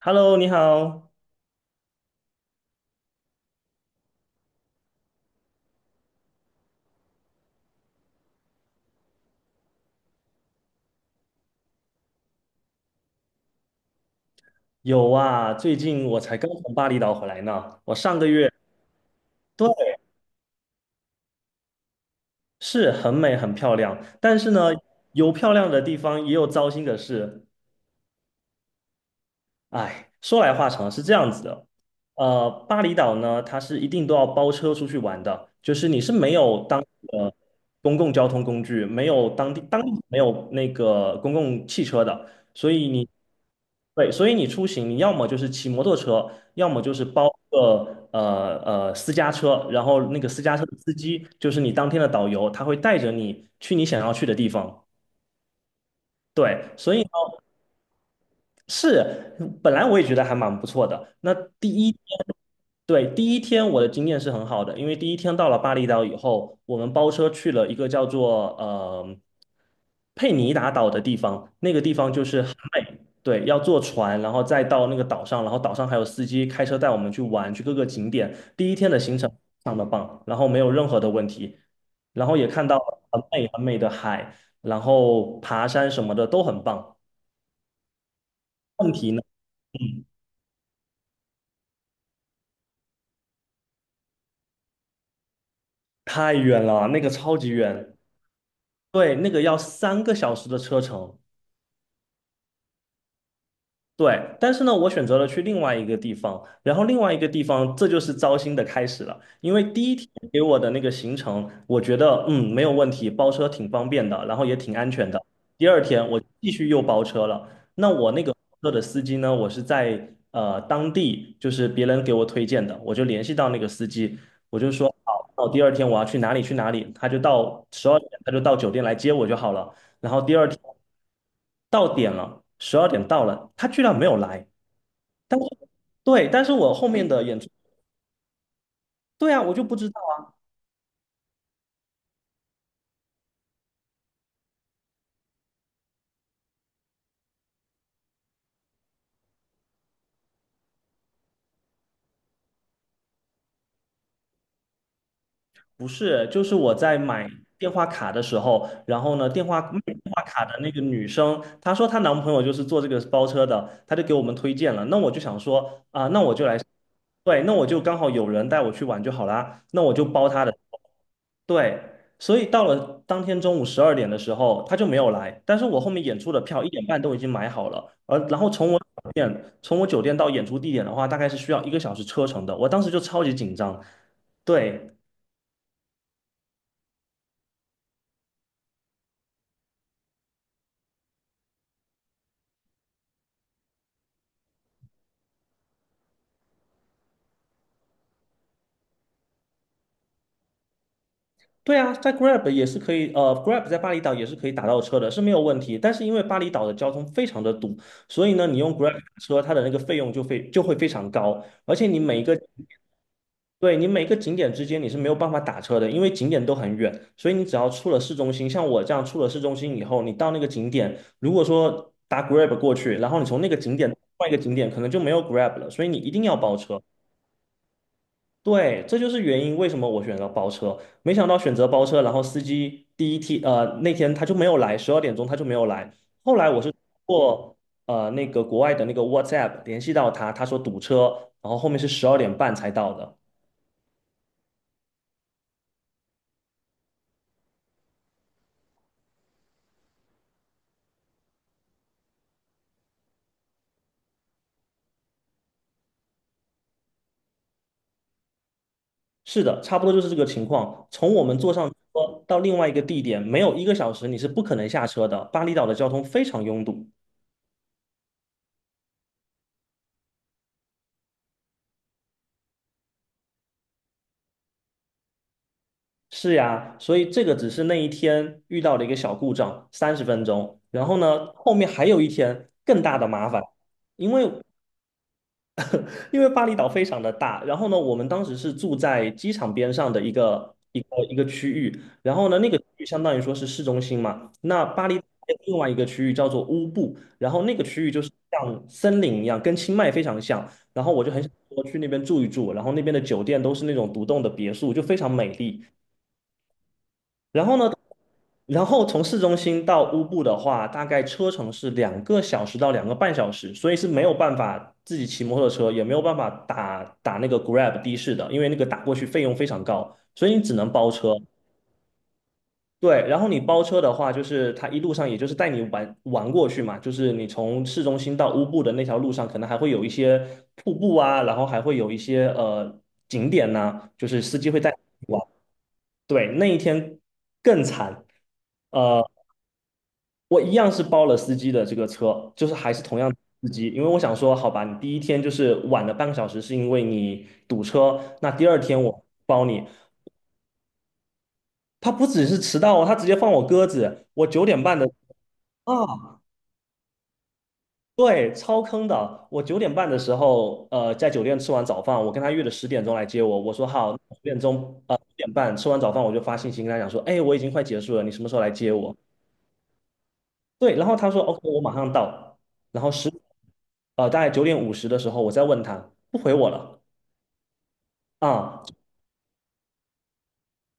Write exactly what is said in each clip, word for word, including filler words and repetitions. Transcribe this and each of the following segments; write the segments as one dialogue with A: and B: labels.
A: Hello，你好。有啊，最近我才刚从巴厘岛回来呢。我上个月，对，是很美很漂亮，但是呢，有漂亮的地方，也有糟心的事。哎，说来话长，是这样子的，呃，巴厘岛呢，它是一定都要包车出去玩的，就是你是没有当呃公共交通工具，没有当地当地没有那个公共汽车的，所以你对，所以你出行，你要么就是骑摩托车，要么就是包个呃呃私家车，然后那个私家车的司机就是你当天的导游，他会带着你去你想要去的地方。对，所以。是，嗯本来我也觉得还蛮不错的。那第一天，对，第一天我的经验是很好的，因为第一天到了巴厘岛以后，我们包车去了一个叫做呃佩尼达岛的地方，那个地方就是很美，对，要坐船，然后再到那个岛上，然后岛上还有司机开车带我们去玩，去各个景点。第一天的行程非常的棒，然后没有任何的问题，然后也看到了很美很美的海，然后爬山什么的都很棒。问题呢？太远了，那个超级远，对，那个要三个小时的车程。对，但是呢，我选择了去另外一个地方，然后另外一个地方，这就是糟心的开始了。因为第一天给我的那个行程，我觉得嗯没有问题，包车挺方便的，然后也挺安全的。第二天我继续又包车了，那我那个包车的司机呢，我是在呃当地，就是别人给我推荐的，我就联系到那个司机，我就说好，那我第二天我要去哪里去哪里，他就到十二点他就到酒店来接我就好了。然后第二天到点了，十二点到了，他居然没有来。但是，对，但是我后面的演出，对啊，我就不知道啊，不是，就是我在买电话卡的时候，然后呢，电话卖电话卡的那个女生，她说她男朋友就是做这个包车的，她就给我们推荐了。那我就想说啊，那我就来，对，那我就刚好有人带我去玩就好啦，那我就包他的。对，所以到了当天中午十二点的时候，他就没有来。但是我后面演出的票一点半都已经买好了，而然后从我酒店从我酒店到演出地点的话，大概是需要一个小时车程的。我当时就超级紧张，对，对啊，在 Grab 也是可以，呃，Grab 在巴厘岛也是可以打到车的，是没有问题。但是因为巴厘岛的交通非常的堵，所以呢，你用 Grab 打车，它的那个费用就非就会非常高，而且你每一个对，你每个景点之间你是没有办法打车的，因为景点都很远，所以你只要出了市中心，像我这样出了市中心以后，你到那个景点，如果说打 Grab 过去，然后你从那个景点到另外一个景点，可能就没有 Grab 了，所以你一定要包车。对，这就是原因，为什么我选择包车。没想到选择包车，然后司机第一天，呃，那天他就没有来，十二点钟他就没有来。后来我是通过呃那个国外的那个 WhatsApp 联系到他，他说堵车，然后后面是十二点半才到的。是的，差不多就是这个情况。从我们坐上车到另外一个地点，没有一个小时，你是不可能下车的。巴厘岛的交通非常拥堵。是呀，所以这个只是那一天遇到的一个小故障，三十分钟。然后呢，后面还有一天更大的麻烦，因为因为巴厘岛非常的大，然后呢，我们当时是住在机场边上的一个一个一个区域，然后呢，那个区域相当于说是市中心嘛。那巴厘岛还有另外一个区域叫做乌布，然后那个区域就是像森林一样，跟清迈非常像。然后我就很想说去那边住一住，然后那边的酒店都是那种独栋的别墅，就非常美丽。然后呢，然后从市中心到乌布的话，大概车程是两个小时到两个半小时，所以是没有办法自己骑摩托车，也没有办法打打那个 Grab 的士的，因为那个打过去费用非常高，所以你只能包车。对，然后你包车的话，就是他一路上也就是带你玩玩过去嘛，就是你从市中心到乌布的那条路上，可能还会有一些瀑布啊，然后还会有一些呃景点呐、就是司机会带你玩。对，那一天更惨。呃。我一样是包了司机的这个车，就是还是同样的司机，因为我想说，好吧，你第一天就是晚了半个小时，是因为你堵车，那第二天我包你。他不只是迟到哦，他直接放我鸽子。我九点半的啊，对，超坑的。我九点半的时候，呃，在酒店吃完早饭，我跟他约了十点钟来接我。我说好，九点钟，呃，九点半吃完早饭，我就发信息跟他讲说，哎，我已经快结束了，你什么时候来接我？对，然后他说 OK，我马上到。然后十呃大概九点五十的时候，我再问他，不回我了啊，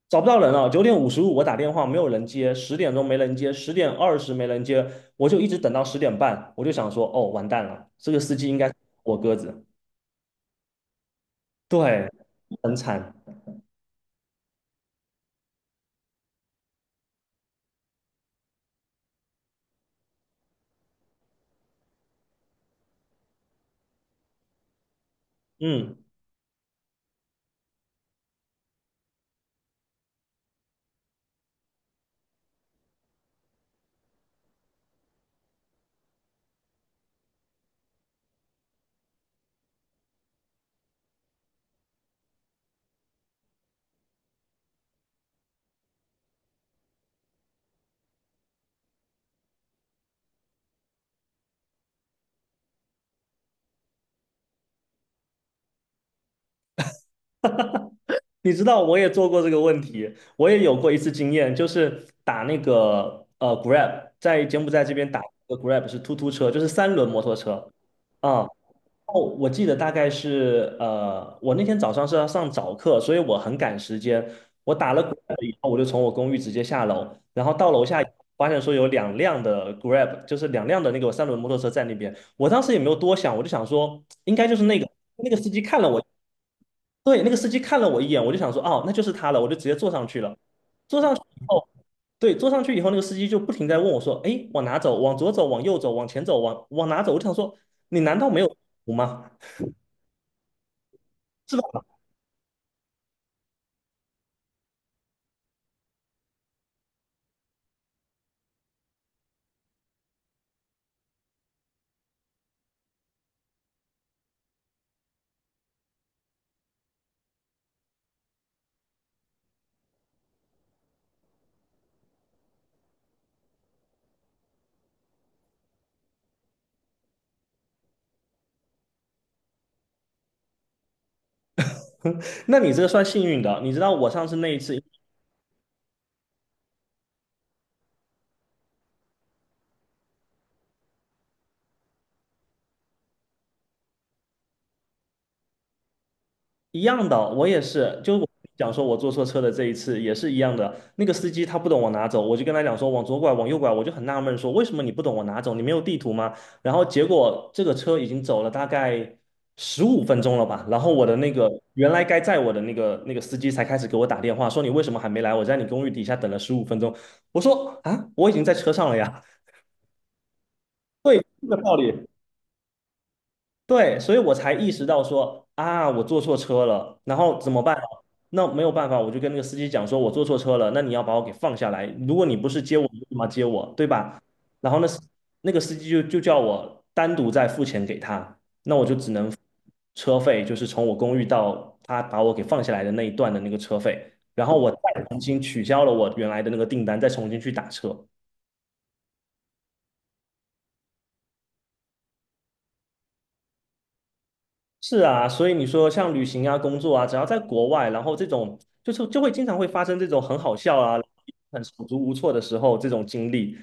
A: 找不到人了。九点五十五我打电话没有人接，十点钟没人接，十点二十没人接，我就一直等到十点半，我就想说哦完蛋了，这个司机应该是我鸽子，对，很惨。嗯，你知道我也做过这个问题，我也有过一次经验，就是打那个呃 Grab，在柬埔寨这边打那个 Grab 是突突车，就是三轮摩托车。啊，哦，我记得大概是呃，我那天早上是要上早课，所以我很赶时间。我打了 Grab 以后，我就从我公寓直接下楼，然后到楼下以后发现说有两辆的 Grab，就是两辆的那个三轮摩托车在那边。我当时也没有多想，我就想说应该就是那个那个司机看了我，对，那个司机看了我一眼，我就想说哦，那就是他了，我就直接坐上去了。坐上去以后，对，坐上去以后，那个司机就不停在问我说：“哎，往哪走？往左走？往右走？往前走？往往哪走？”我就想说，你难道没有图吗？是吧？那你这个算幸运的，你知道我上次那一次一样的，我也是，就是我讲说我坐错车的这一次也是一样的。那个司机他不懂往哪走，我就跟他讲说往左拐，往右拐，我就很纳闷说为什么你不懂我哪走，你没有地图吗？然后结果这个车已经走了大概十五分钟了吧，然后我的那个原来该载我的那个那个司机才开始给我打电话说你为什么还没来？我在你公寓底下等了十五分钟。我说啊，我已经在车上了呀，对，这个道理。对，所以我才意识到说啊，我坐错车了，然后怎么办呢，那没有办法，我就跟那个司机讲说，我坐错车了，那你要把我给放下来。如果你不是接我，你干嘛接我，对吧？然后那司那个司机就就叫我单独再付钱给他，那我就只能付车费，就是从我公寓到他把我给放下来的那一段的那个车费，然后我再重新取消了我原来的那个订单，再重新去打车。是啊，所以你说像旅行啊、工作啊，只要在国外，然后这种就是就会经常会发生这种很好笑啊、很手足无措的时候这种经历。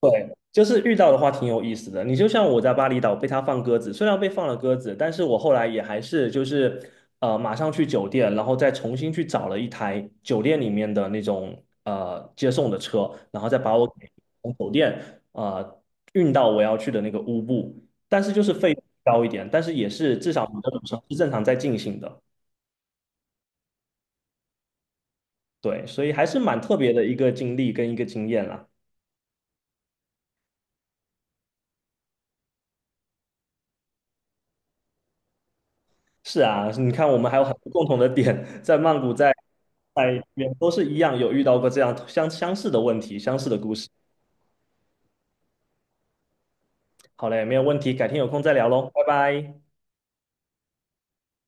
A: 对，就是遇到的话挺有意思的。你就像我在巴厘岛被他放鸽子，虽然被放了鸽子，但是我后来也还是就是呃马上去酒店，然后再重新去找了一台酒店里面的那种呃接送的车，然后再把我给从酒店呃运到我要去的那个乌布，但是就是费用高一点，但是也是至少你的旅程是正常在进行的。对，所以还是蛮特别的一个经历跟一个经验啦。是啊，你看我们还有很多共同的点，在曼谷在，在这边都是一样，有遇到过这样相相似的问题，相似的故事。好嘞，没有问题，改天有空再聊喽，拜拜。